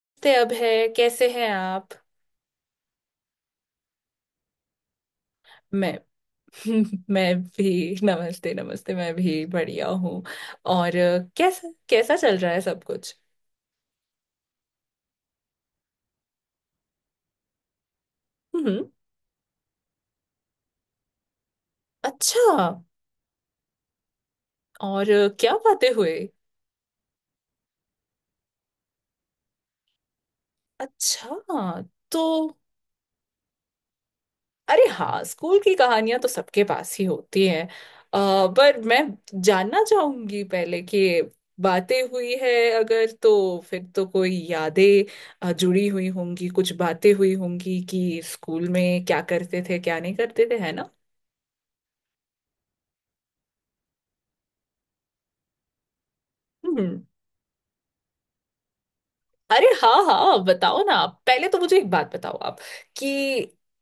नमस्ते अभय, कैसे हैं आप? मैं मैं भी नमस्ते नमस्ते। मैं भी बढ़िया हूँ। और कैसा कैसा चल रहा है सब कुछ? हम्म। अच्छा। और क्या बातें हुई? अच्छा। तो अरे हाँ, स्कूल की कहानियां तो सबके पास ही होती हैं पर मैं जानना चाहूंगी पहले कि बातें हुई है, अगर तो फिर तो कोई यादें जुड़ी हुई होंगी। कुछ बातें हुई होंगी कि स्कूल में क्या करते थे, क्या नहीं करते थे, है ना? हम्म। अरे हाँ हाँ हाँ, बताओ ना। आप पहले तो मुझे एक बात बताओ आप कि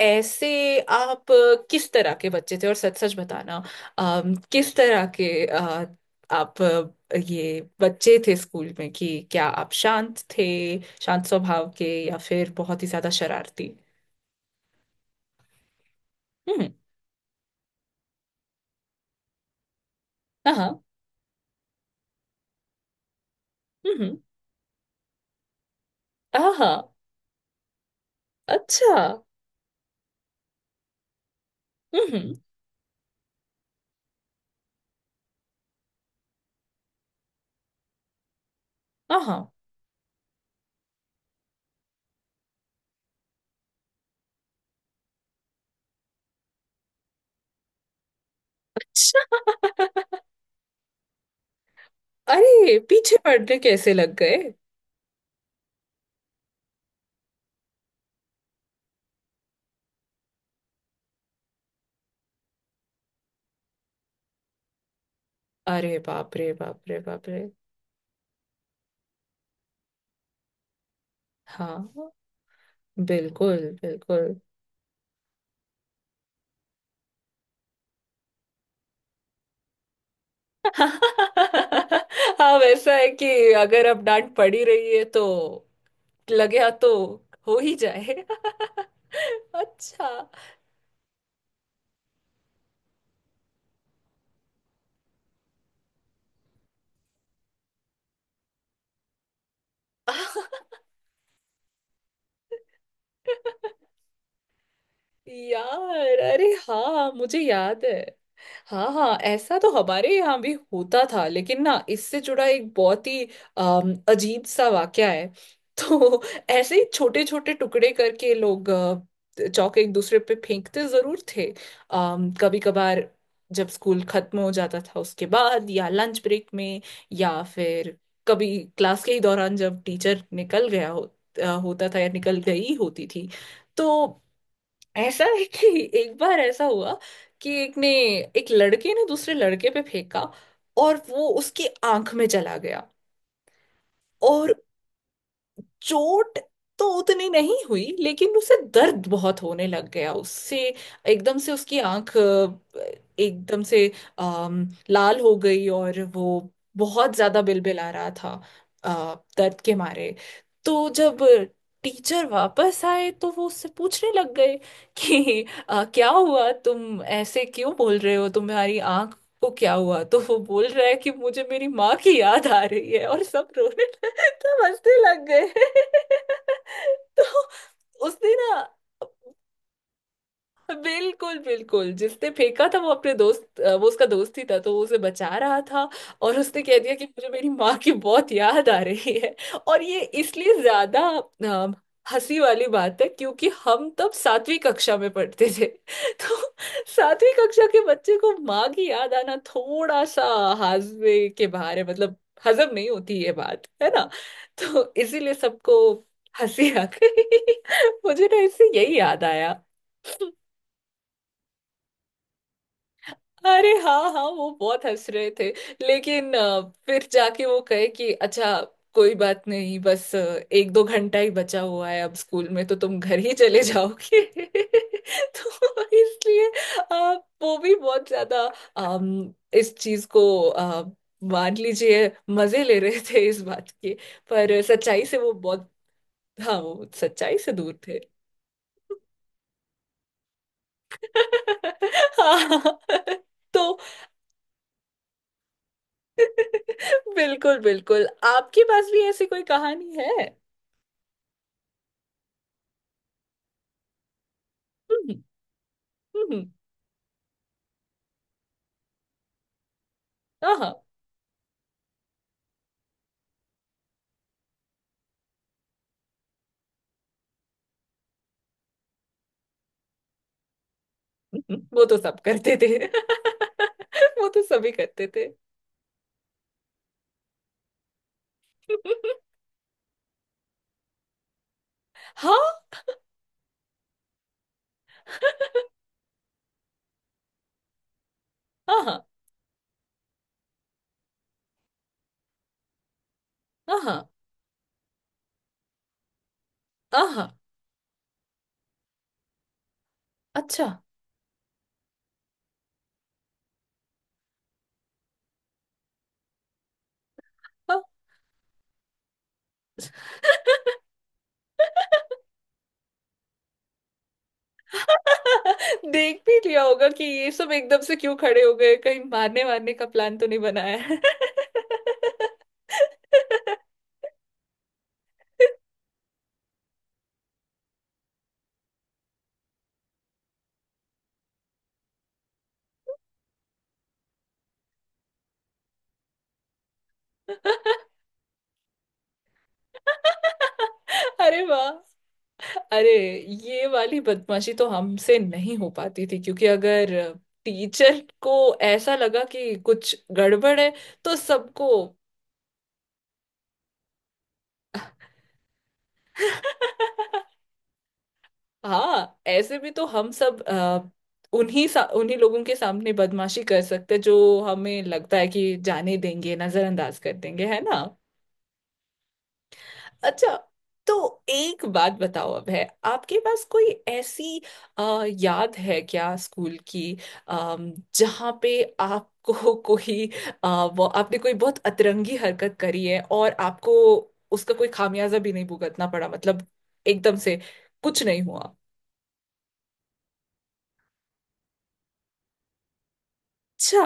ऐसे आप किस तरह के बच्चे थे, और सच सच बताना। किस तरह के आप ये बच्चे थे स्कूल में, कि क्या आप शांत थे? शांत स्वभाव के या फिर बहुत ही ज्यादा शरारती? हम्म। हाँ हाँ। हम्म। हाँ हाँ, अच्छा। हम्म। हाँ हाँ। अच्छा। अरे पीछे पड़ने कैसे लग गए? अरे बाप रे बाप रे बाप रे। हाँ। बिल्कुल। बिल्कुल। हाँ वैसा है कि अगर अब डांट पड़ी रही है तो लगे हाथ तो हो ही जाए। अच्छा। यार अरे हाँ, मुझे याद है। हाँ हाँ, ऐसा तो हमारे यहाँ भी होता था, लेकिन ना इससे जुड़ा एक बहुत ही अजीब सा वाक्या है। तो ऐसे ही छोटे छोटे टुकड़े करके लोग चौके एक दूसरे पे फेंकते जरूर थे। कभी कभार जब स्कूल खत्म हो जाता था उसके बाद, या लंच ब्रेक में, या फिर कभी क्लास के ही दौरान जब टीचर निकल गया हो, होता था या निकल गई होती थी। तो ऐसा है कि एक बार ऐसा हुआ कि एक ने, एक लड़के ने दूसरे लड़के पे फेंका और वो उसकी आंख में चला गया। और चोट तो उतनी नहीं हुई, लेकिन उसे दर्द बहुत होने लग गया उससे। एकदम से उसकी आंख एकदम से लाल हो गई, और वो बहुत ज्यादा बिलबिला रहा था दर्द के मारे। तो जब टीचर वापस आए तो वो उससे पूछने लग गए कि क्या हुआ, तुम ऐसे क्यों बोल रहे हो, तुम्हारी आंख वो क्या हुआ? तो वो बोल रहा है कि मुझे मेरी माँ की याद आ रही है, और सब रोने लगे, सब हंसने लग गए। तो उसने ना, बिल्कुल बिल्कुल, जिसने फेंका था वो अपने दोस्त वो उसका दोस्त ही था तो वो उसे बचा रहा था। और उसने कह दिया कि मुझे मेरी माँ की बहुत याद आ रही है। और ये इसलिए ज्यादा अ, हंसी वाली बात है क्योंकि हम तब सातवीं कक्षा में पढ़ते थे। तो सातवीं कक्षा के बच्चे को माँ की याद आना थोड़ा सा हाजमे के बाहर है, मतलब हजम नहीं होती ये बात, है ना? तो इसीलिए सबको हंसी आ गई। मुझे ना इससे यही याद। अरे हाँ हाँ, वो बहुत हंस रहे थे। लेकिन फिर जाके वो कहे कि अच्छा कोई बात नहीं, बस एक दो घंटा ही बचा हुआ है अब स्कूल में तो तुम घर ही चले जाओगे। तो इसलिए अ, वो भी बहुत ज्यादा अम, इस चीज को अ, मान लीजिए मजे ले रहे थे इस बात के। पर सच्चाई से वो बहुत, हाँ वो सच्चाई से दूर थे। हाँ। तो बिल्कुल बिल्कुल, आपके पास भी ऐसी कोई कहानी है? हम्म। हम्म। हाँ हाँ, वो तो सब करते थे। वो तो सभी करते थे। हाँ। हाँ हाँ। हाँ हाँ हाँ, अच्छा। हाँ। देख भी लिया होगा कि ये सब एकदम से क्यों खड़े हो गए, कहीं मारने वारने का प्लान तो नहीं बनाया है। अरे वाह। अरे ये वाली बदमाशी तो हमसे नहीं हो पाती थी क्योंकि अगर टीचर को ऐसा लगा कि कुछ गड़बड़ है तो सबको। हाँ ऐसे भी तो हम सब उन्हीं लोगों के सामने बदमाशी कर सकते हैं जो हमें लगता है कि जाने देंगे, नजरअंदाज कर देंगे, है ना? अच्छा। तो एक बात बताओ, अब है आपके पास कोई ऐसी अ, याद है क्या स्कूल की, जहाँ पे आपको कोई अ, वो आपने कोई बहुत अतरंगी हरकत करी है और आपको उसका कोई खामियाजा भी नहीं भुगतना पड़ा, मतलब एकदम से कुछ नहीं हुआ। अच्छा।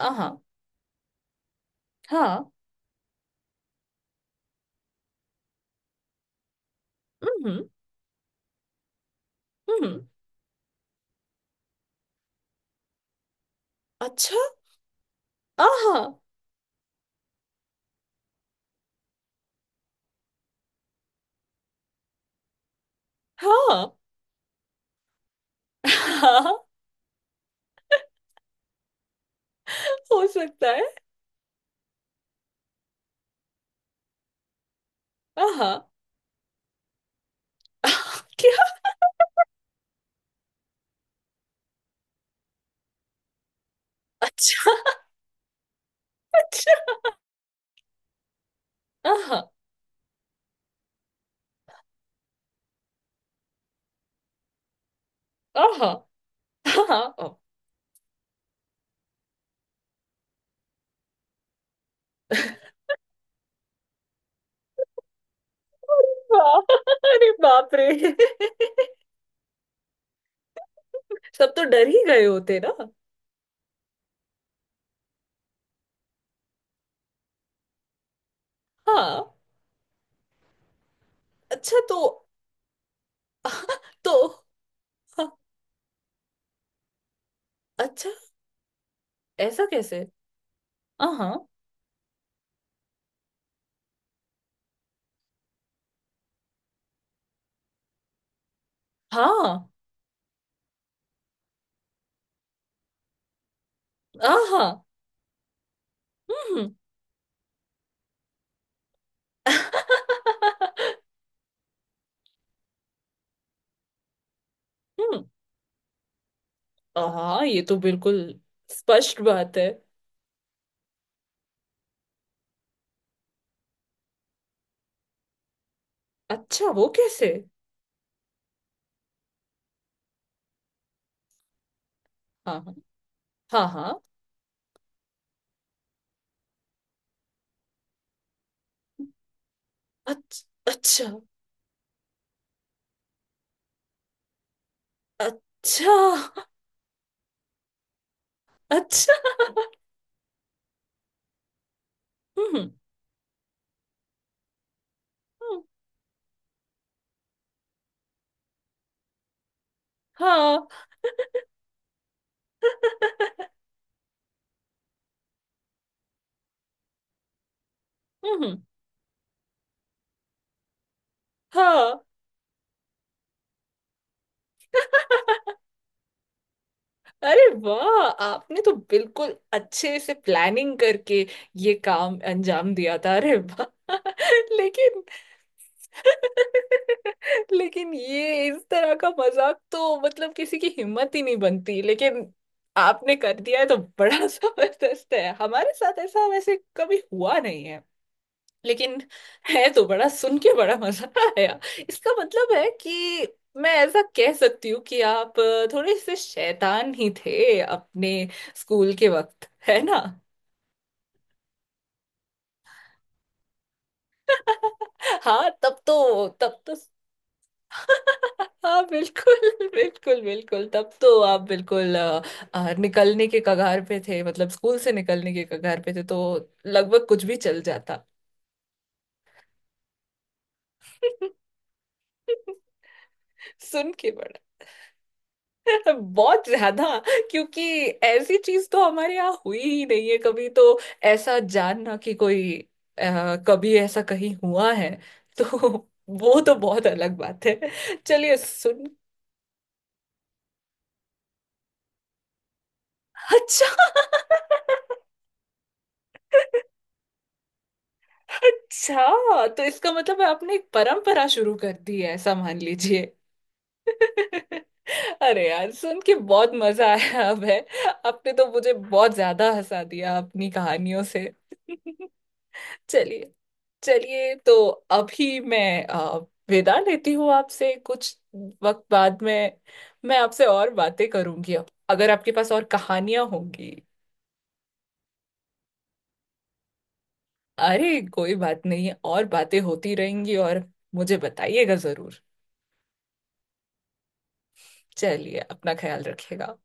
आहा। हाँ। हम्म। हम्म। अच्छा। आहा। हाँ हाँ। हो सकता है। आहा। क्या। अच्छा। अच्छा। हाँ। आहा। हाँ हाँ। हाँ अरे बाप रे। सब तो डर ही गए होते ना? हाँ। अच्छा। तो अच्छा, ऐसा कैसे? आहा। हाँ। आहा। हम्म। हम्म। हाँ ये तो बिल्कुल स्पष्ट बात है। अच्छा वो कैसे? हाँ हाँ। हाँ हाँ। अच्छा। अच्छा। अच्छा। हम्म। हम्म, हाँ। हम्म। हाँ। अरे वाह, आपने तो बिल्कुल अच्छे से प्लानिंग करके ये काम अंजाम दिया था। अरे वाह। लेकिन, लेकिन ये इस तरह का मजाक तो मतलब किसी की हिम्मत ही नहीं बनती। लेकिन आपने कर दिया है तो बड़ा जबरदस्त है। हमारे साथ ऐसा वैसे कभी हुआ नहीं है, लेकिन है तो बड़ा, सुन के बड़ा मजा आया। इसका मतलब है कि मैं ऐसा कह सकती हूँ कि आप थोड़े से शैतान ही थे अपने स्कूल के वक्त, है ना? हाँ तब तो, तब तो। हाँ बिल्कुल बिल्कुल बिल्कुल, तब तो आप बिल्कुल निकलने के कगार पे थे, मतलब स्कूल से निकलने के कगार पे थे तो लगभग कुछ भी चल जाता। सुन के बड़ा। बहुत ज्यादा, क्योंकि ऐसी चीज तो हमारे यहाँ हुई ही नहीं है कभी। तो ऐसा जानना कि कोई कभी ऐसा कहीं हुआ है तो वो तो बहुत अलग बात है। चलिए सुन, अच्छा। अच्छा तो इसका मतलब है आपने एक परंपरा शुरू कर दी है, ऐसा मान लीजिए। अरे यार, सुन के बहुत मजा आया अब है। आपने तो मुझे बहुत ज्यादा हंसा दिया अपनी कहानियों से। चलिए, चलिए तो अभी मैं विदा लेती हूँ आपसे। कुछ वक्त बाद में मैं आपसे और बातें करूंगी। अब अगर आपके पास और कहानियां होंगी। अरे कोई बात नहीं, और बातें होती रहेंगी। और मुझे बताइएगा जरूर। चलिए, अपना ख्याल रखिएगा।